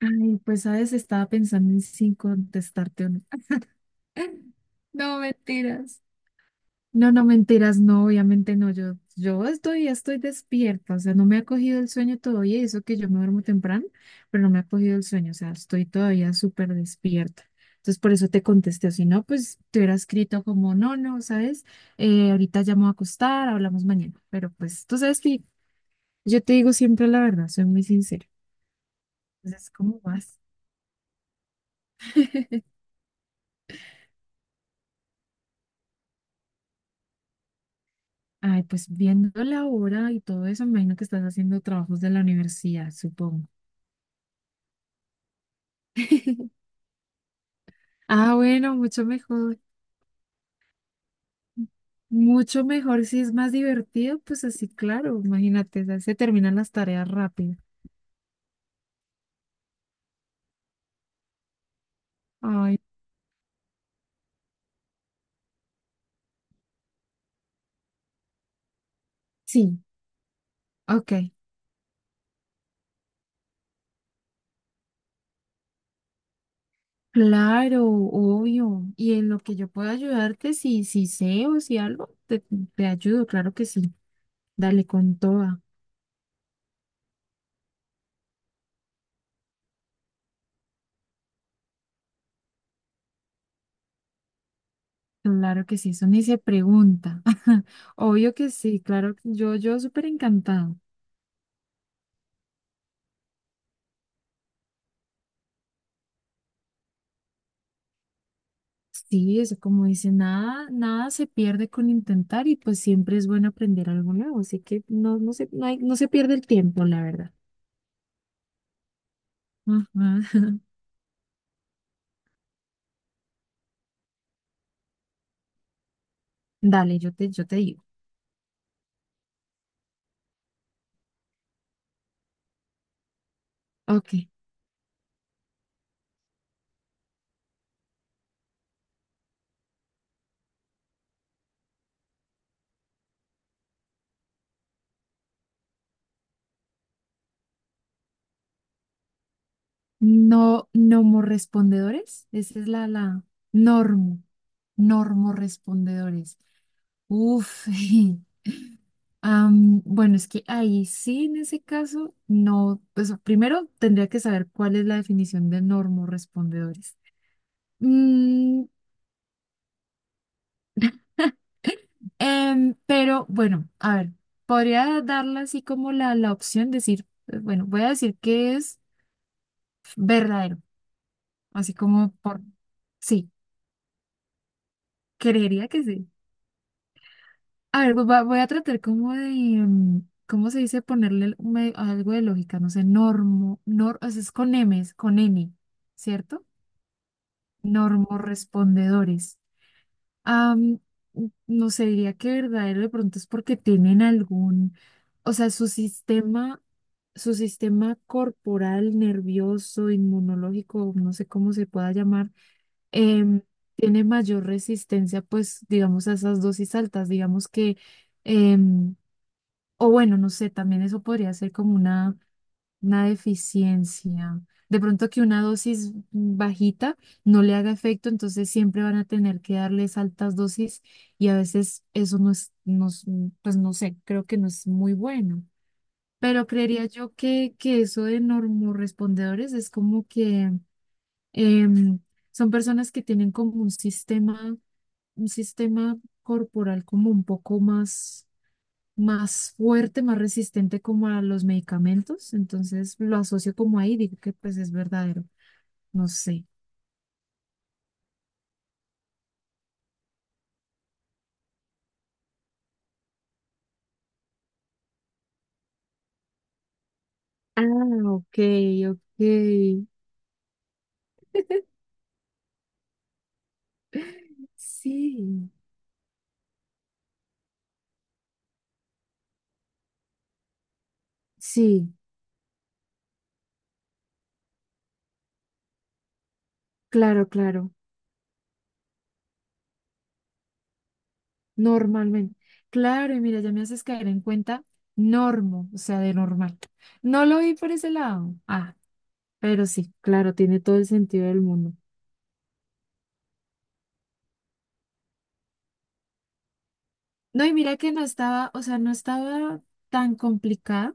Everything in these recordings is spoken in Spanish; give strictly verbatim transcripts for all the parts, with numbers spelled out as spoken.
Ay, pues sabes, estaba pensando en si contestarte o no. No, mentiras. No, no, mentiras, no, obviamente no. Yo, yo estoy, ya estoy despierta, o sea, no me ha cogido el sueño todavía, y eso que yo me duermo temprano, pero no me ha cogido el sueño, o sea, estoy todavía súper despierta. Entonces, por eso te contesté, o si no, pues te hubiera escrito como, no, no, ¿sabes? Eh, ahorita ya me voy a acostar, hablamos mañana. Pero pues tú sabes que yo te digo siempre la verdad, soy muy sincera. Entonces, ¿cómo vas? Ay, pues viendo la hora y todo eso, me imagino que estás haciendo trabajos de la universidad, supongo. Ah, bueno, mucho mejor. Mucho mejor si es más divertido, pues así, claro, imagínate, ya se terminan las tareas rápido. Ay, sí, ok. Claro, obvio. Y en lo que yo pueda ayudarte, si, si sé o si algo, te, te ayudo, claro que sí. Dale con toda. Claro que sí, eso ni se pregunta. Obvio que sí, claro, yo, yo súper encantada. Sí, eso como dice, nada, nada se pierde con intentar y pues siempre es bueno aprender algo nuevo, así que no, no se, no hay- no se pierde el tiempo, la verdad. Ajá. Dale, yo te, yo te digo. Ok. No, nomorrespondedores. Esa es la, la normo. Normorrespondedores. Uf. Am, bueno, es que ahí sí, en ese caso, no. Pues primero tendría que saber cuál es la definición de normorrespondedores. Mm, Em, pero bueno, a ver, podría darle así como la, la opción, decir, eh, bueno, voy a decir que es verdadero, así como por, sí, creería que sí. A ver, voy a, voy a tratar como de, em, ¿cómo se dice? Ponerle un me- algo de lógica, no sé, normo, nor, o sea, es con M's, con N, ¿cierto? Normorrespondedores. Am, no sé, diría que verdadero de pronto es porque tienen algún, o sea, su sistema, su sistema corporal, nervioso, inmunológico, no sé cómo se pueda llamar, em, tiene mayor resistencia, pues, digamos, a esas dosis altas, digamos que, em, o bueno, no sé, también eso podría ser como una una deficiencia. De pronto que una dosis bajita no le haga efecto, entonces siempre van a tener que darles altas dosis y a veces eso no es, no es- pues no sé, creo que no es muy bueno. Pero creería yo que, que eso de normorrespondedores es como que em, son personas que tienen como un sistema, un sistema corporal como un poco más más fuerte, más resistente como a los medicamentos, entonces lo asocio como ahí, digo que pues es verdadero, no sé. Ah, ok, ok. Sí, sí, claro, claro, normalmente. Claro, y mira, ya me haces caer en cuenta, normo, o sea, de normal. No lo vi por ese lado. Ah, pero sí, claro, tiene todo el sentido del mundo. No, y mira que no estaba, o sea, no estaba tan complicada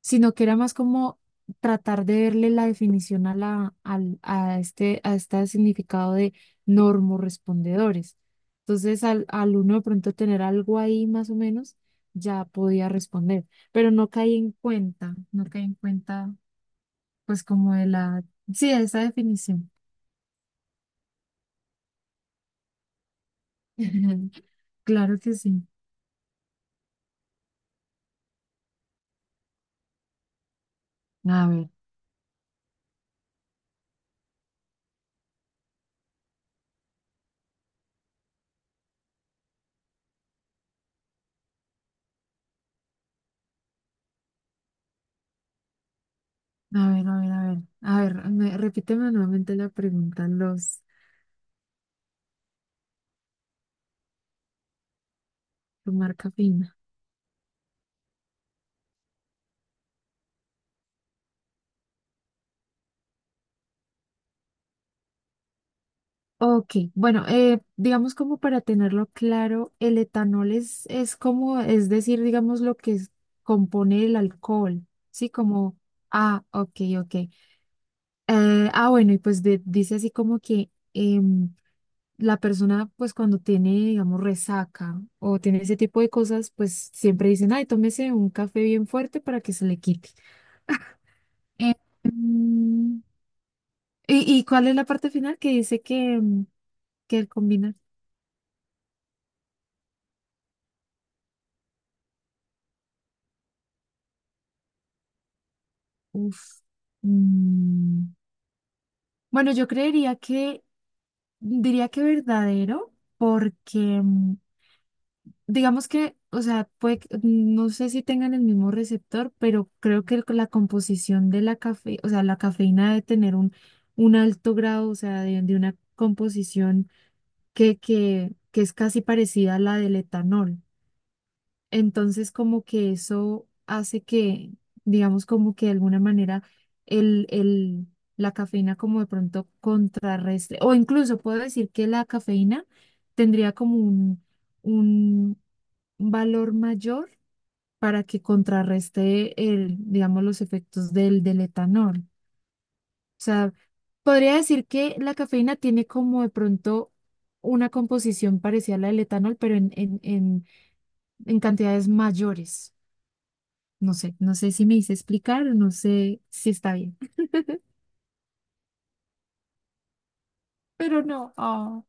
sino que era más como tratar de verle la definición a la, al, a este, a este significado de normorespondedores. Entonces, al, al uno de pronto tener algo ahí más o menos, ya podía responder, pero no caí en cuenta, no caí en cuenta, pues como de la, sí, de esa definición. Claro que sí. A ver, a ver, a ver, a ver, a ver, me- Repíteme nuevamente la pregunta, los, tu marca. Ok, bueno, eh, digamos como para tenerlo claro, el etanol es, es como, es decir, digamos lo que es- compone el alcohol, ¿sí? Como, ah, ok, ok. Eh, ah, bueno, y pues de- dice así como que em, la persona, pues cuando tiene, digamos, resaca o tiene ese tipo de cosas, pues siempre dicen, ay, tómese un café bien fuerte para que se le quite. Em, ¿Y, y cuál es la parte final que dice que, em, que él combina? Uf. Mm, Bueno, yo creería que, diría que verdadero, porque mm, digamos que, o sea, puede, que- no sé si tengan el mismo receptor, pero creo que el- la composición de la cafe, o sea, la cafeína debe tener un, un alto grado, o sea, de, de una composición que, que, que es casi parecida a la del etanol. Entonces, como que eso hace que, digamos, como que de alguna manera el, el, la cafeína como de pronto contrarrestre, o incluso puedo decir que la cafeína tendría como un, un valor mayor para que contrarreste el, digamos, los efectos del, del etanol. O sea, podría decir que la cafeína tiene como de pronto una composición parecida a la del etanol, pero en, en, en en cantidades mayores. No sé, no sé si me hice explicar, no sé si está bien. Pero no, ah,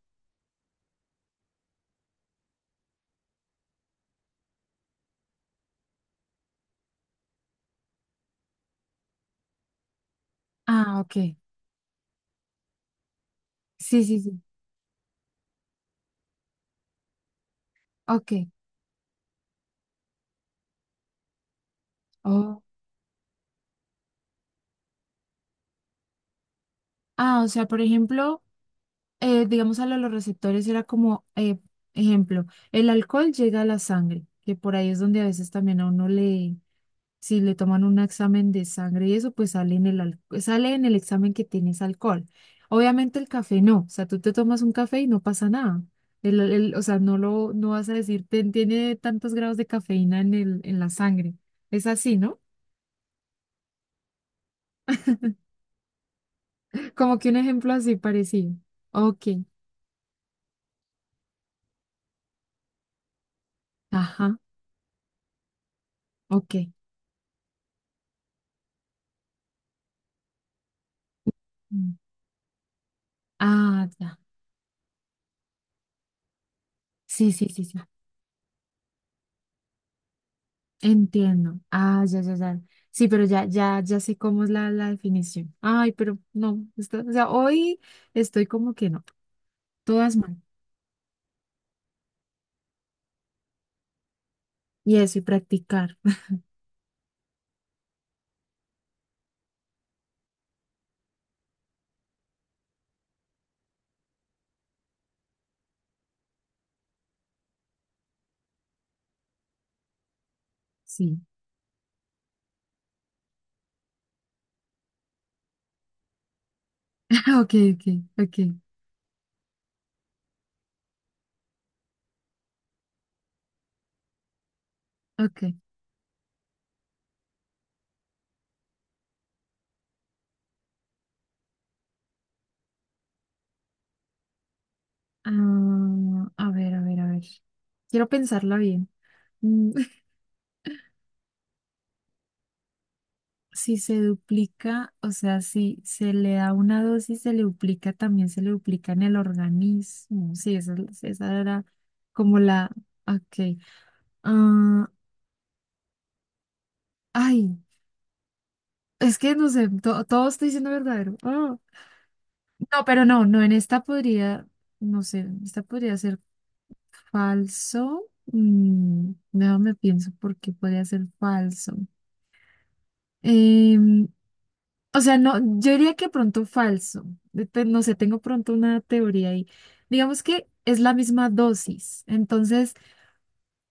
ah, ok. Sí, sí, sí. Ok. Oh. Ah, o sea, por ejemplo, eh, digamos a lo de los receptores era como, eh, ejemplo, el alcohol llega a la sangre, que por ahí es donde a veces también a uno le, si le toman un examen de sangre y eso, pues sale en el, al- sale en el examen que tienes alcohol. Obviamente el café no, o sea, tú te tomas un café y no pasa nada. El, el- o sea, no lo, no vas a decir, "Ten- tiene tantos grados de cafeína en el, en la sangre. Es así, ¿no? Como que un ejemplo así parecido. Ok, ajá, ok. Mm, ah, ya. Sí, sí, sí, sí. Entiendo. Ah, ya, ya, ya. Sí, pero ya, ya, ya sé cómo es la, la definición. Ay, pero no, esto- o sea, hoy estoy como que no, todas mal. Y eso, y practicar. Sí. Ok, ok, ok, ok. Ah, a ver, a ver, a ver. Quiero pensarla bien. Mm, Si se duplica, o sea, si se le da una dosis, se le duplica, también se le duplica en el organismo. Sí, esa, esa era como la, ok. Ah, ay, es que no sé, to- todo estoy diciendo verdadero. Ah, no, pero no, no, en esta podría, no sé, en esta podría ser falso. Mm, déjame pienso por qué podría ser falso. Em, o sea, no, yo diría que pronto falso. De- te- No sé, tengo pronto una teoría ahí. Digamos que es la misma dosis. Entonces,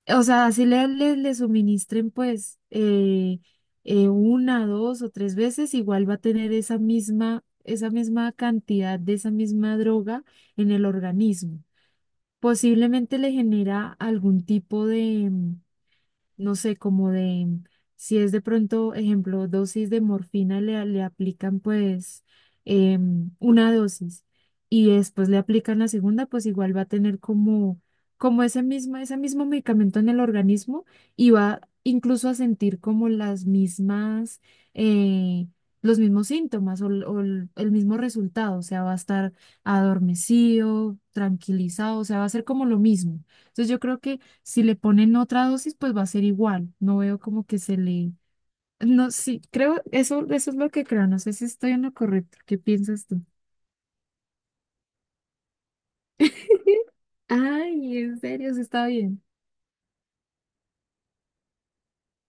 o sea, así le, le, le suministren pues eh, eh, una, dos o tres veces, igual va a tener esa misma, esa misma cantidad de esa misma droga en el organismo. Posiblemente le genera algún tipo de, no sé, como de, si es de pronto, ejemplo, dosis de morfina, le, le aplican pues em, una dosis y después le aplican la segunda, pues igual va a tener como, como ese mismo, ese mismo medicamento en el organismo y va incluso a sentir como las mismas, eh, los mismos síntomas o, el- o el el mismo resultado, o sea, va a estar adormecido, tranquilizado, o sea, va a ser como lo mismo. Entonces yo creo que si le ponen otra dosis, pues va a ser igual. No veo como que se le... No, sí, creo, eso, eso es lo que creo. No sé si estoy en lo correcto. ¿Qué piensas tú? Ay, en serio, sí está bien.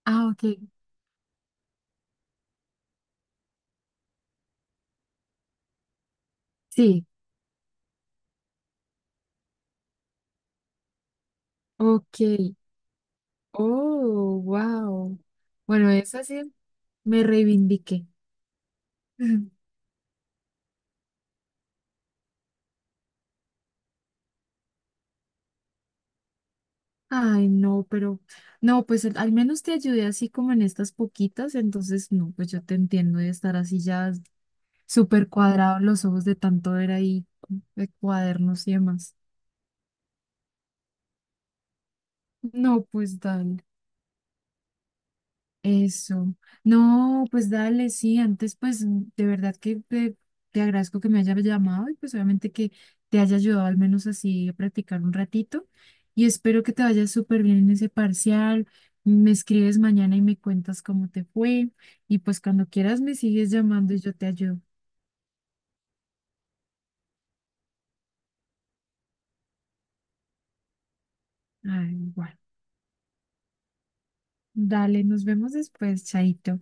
Ah, ok. Sí, ok. Oh, wow. Bueno, eso sí, me reivindiqué. Ujú. Ay, no, pero no, pues al al menos te ayudé así como en estas poquitas, entonces no, pues yo te entiendo de estar así ya súper cuadrados los ojos de tanto ver ahí de cuadernos y demás. No, pues dale, eso. No, pues dale, sí, antes pues mm, de verdad que te, te agradezco que me hayas llamado y pues obviamente que te haya ayudado al menos así a practicar un ratito y espero que te vaya súper bien en ese parcial. Me escribes mañana y me cuentas cómo te fue y pues cuando quieras me sigues llamando y yo te ayudo. Ay, igual. Dale, nos vemos después, chaito.